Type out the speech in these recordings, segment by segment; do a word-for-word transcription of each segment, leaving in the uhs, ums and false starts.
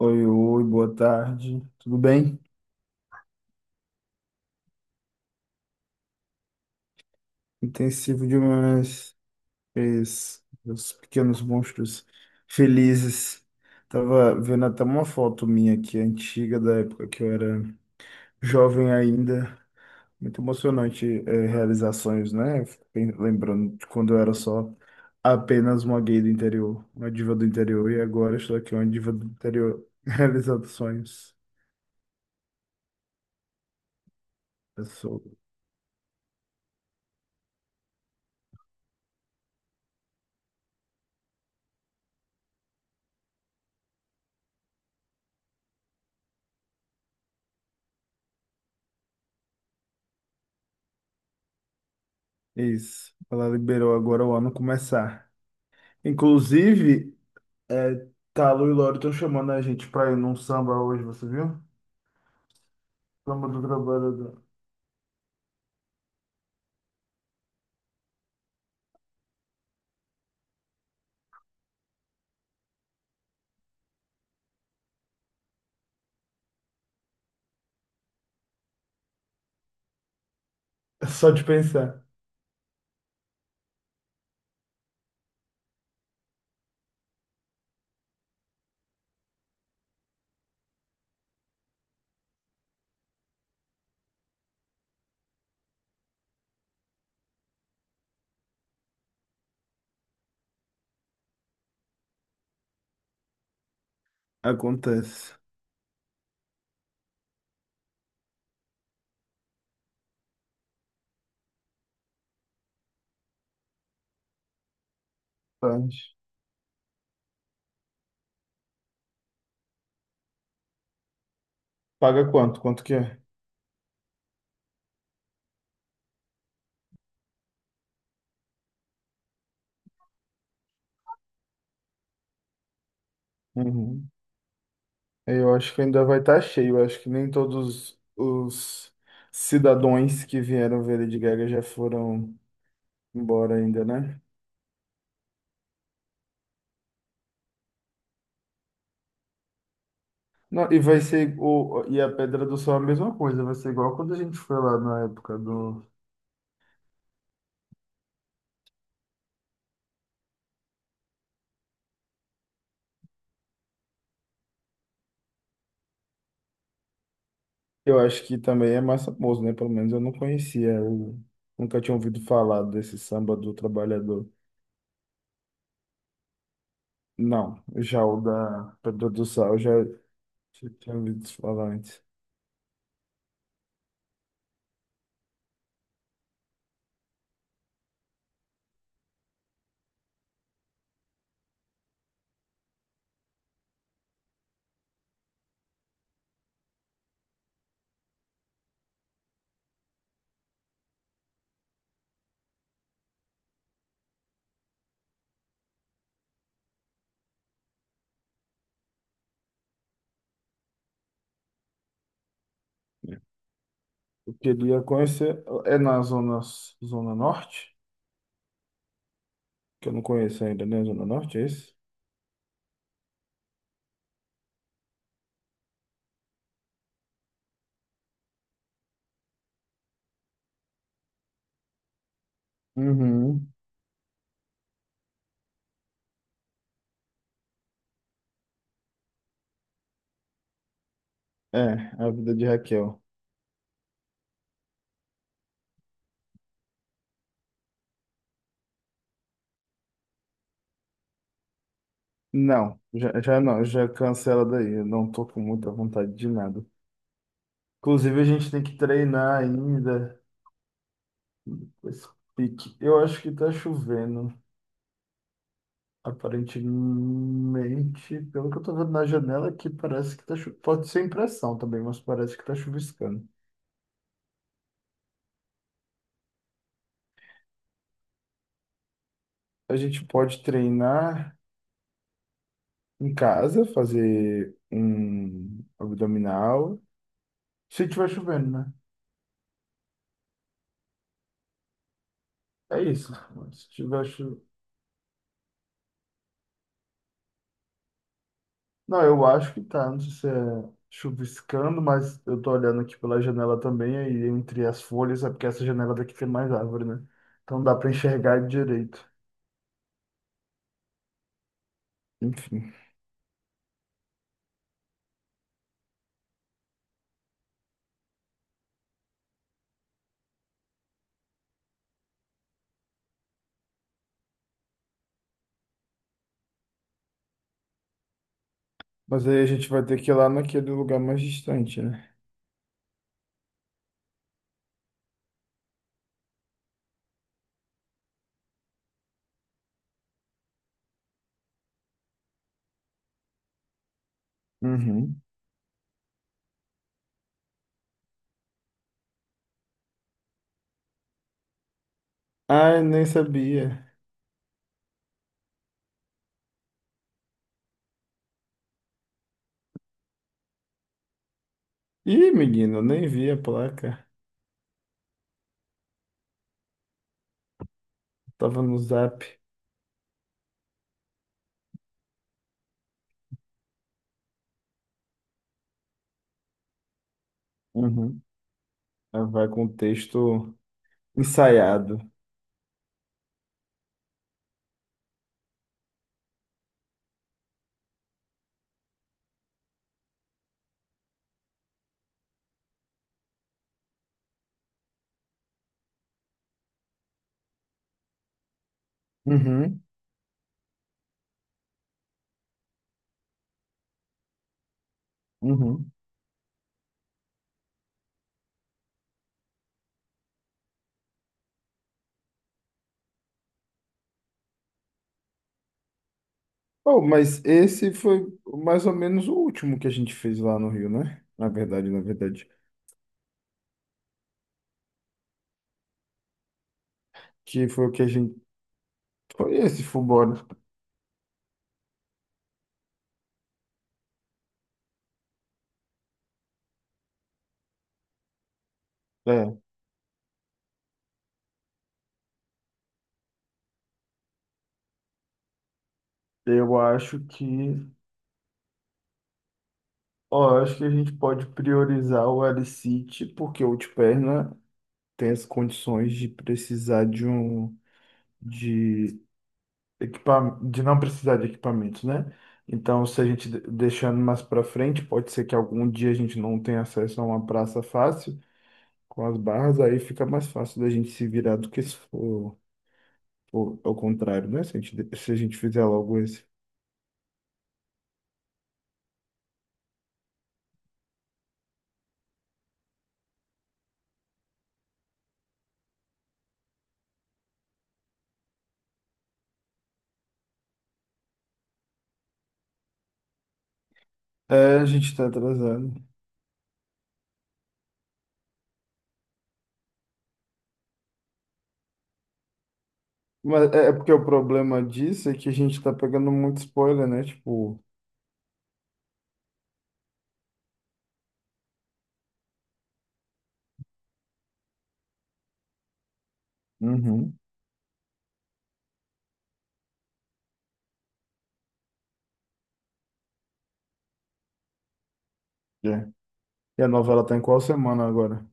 Oi, oi, boa tarde. Tudo bem? Intensivo demais. Fez os pequenos monstros felizes. Tava vendo até uma foto minha aqui, antiga, da época que eu era jovem ainda. Muito emocionante, eh, realizar sonhos, né? Eu fico pen- lembrando de quando eu era só apenas uma gay do interior, uma diva do interior, e agora estou aqui, uma diva do interior, realizando sonhos. Eu sou isso. Ela liberou agora o ano começar. Inclusive, é, Talo e Loro estão chamando a gente pra ir num samba hoje, você viu? Samba do trabalhador. É só de pensar. Acontece. Tarde. Paga quanto? Quanto que é? Uhum. Eu acho que ainda vai estar cheio. Eu acho que nem todos os cidadãos que vieram ver Lady Gaga já foram iguora ainda, né? Não, e vai ser o, e a Pedra do Sol é a mesma coisa, vai ser igual quando a gente foi lá na época do... Eu acho que também é mais famoso, né? Pelo menos eu não conhecia, eu nunca tinha ouvido falar desse samba do trabalhador. Não, já o da Pedra do Sal, já já tinha ouvido falar antes. Eu queria conhecer, é na zona, zona norte, que eu não conheço ainda, né? Zona norte, é isso? Uhum. É, a vida de Raquel. Não, já, já não, já cancela daí, eu não tô com muita vontade de nada. Inclusive, a gente tem que treinar ainda. Pois pique. Eu acho que tá chovendo. Aparentemente, pelo que eu tô vendo na janela aqui, parece que tá chovendo. Pode ser impressão também, mas parece que tá chuviscando. A gente pode treinar em casa, fazer um abdominal. Se tiver chovendo, né? É isso. Se tiver chu- Não, eu acho que tá. Não sei se é chuviscando, mas eu tô olhando aqui pela janela também, aí entre as folhas, é porque essa janela daqui tem mais árvore, né? Então dá para enxergar direito. Enfim. Mas aí a gente vai ter que ir lá naquele lugar mais distante, né? Uhum. Ai, nem sabia. Ih, menino, eu nem vi a placa. Tava no Zap. Uhum. Ah, vai com o texto ensaiado. Uhum. Uhum. Oh, mas esse foi mais ou menos o último que a gente fez lá no Rio, né? Na verdade, na verdade. Que foi o que a gente. Foi esse Fubora. É. Eu acho que. Ó, eu acho que a gente pode priorizar o Alicite, porque o Ultiperna ter as condições de precisar de um de equipa, de não precisar de equipamentos, né? Então, se a gente de- deixando mais para frente, pode ser que algum dia a gente não tenha acesso a uma praça fácil com as barras, aí fica mais fácil da gente se virar do que se for, for ao contrário, né? Se a gente, de- se a gente fizer logo esse. É, a gente tá atrasando. Mas é é porque o problema disso é que a gente tá pegando muito spoiler, né? Tipo, uhum, é. E a novela tá em qual semana agora?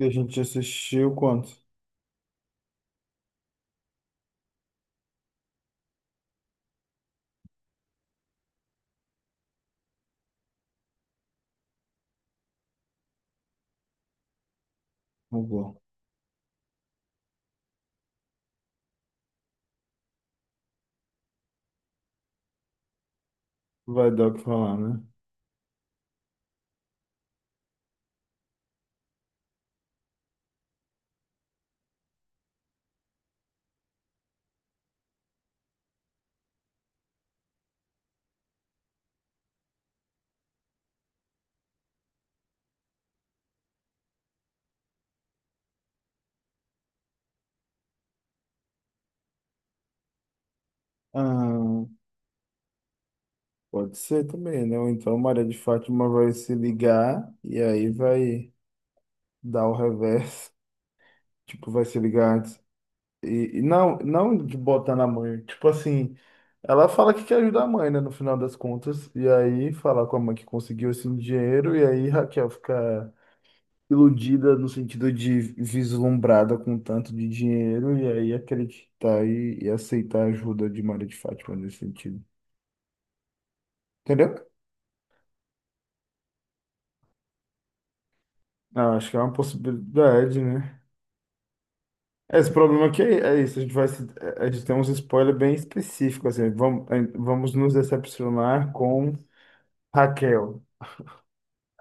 E a gente assistiu quanto? Agora. Vai dar o que falar, né? Ah, pode ser também, né? Ou então Maria de Fátima vai se ligar e aí vai dar o reverso. Tipo, vai se ligar antes. E, e não, não de botar na mãe. Tipo assim, ela fala que quer ajudar a mãe, né? No final das contas. E aí fala com a mãe que conseguiu esse dinheiro. E aí Raquel fica iludida no sentido de vislumbrada com tanto de dinheiro e aí acreditar e, e aceitar a ajuda de Maria de Fátima nesse sentido. Entendeu? Ah, acho que é uma possibilidade, né? É, esse problema aqui é, é isso, a gente vai se- a gente tem uns spoilers bem específicos, assim, vamos, vamos nos decepcionar com Raquel.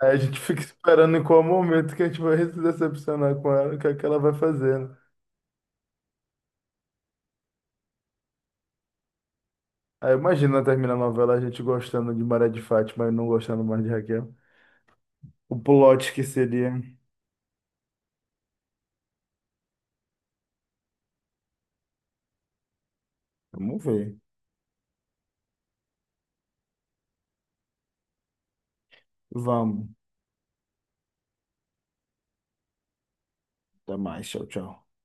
Aí a gente fica esperando em qual momento que a gente vai se decepcionar com ela, o que é que ela vai fazendo. Aí imagina terminar a novela a gente gostando de Maria de Fátima e não gostando mais de Raquel. O plot que seria. Vamos ver. Vamos. Até mais. Tchau, tchau.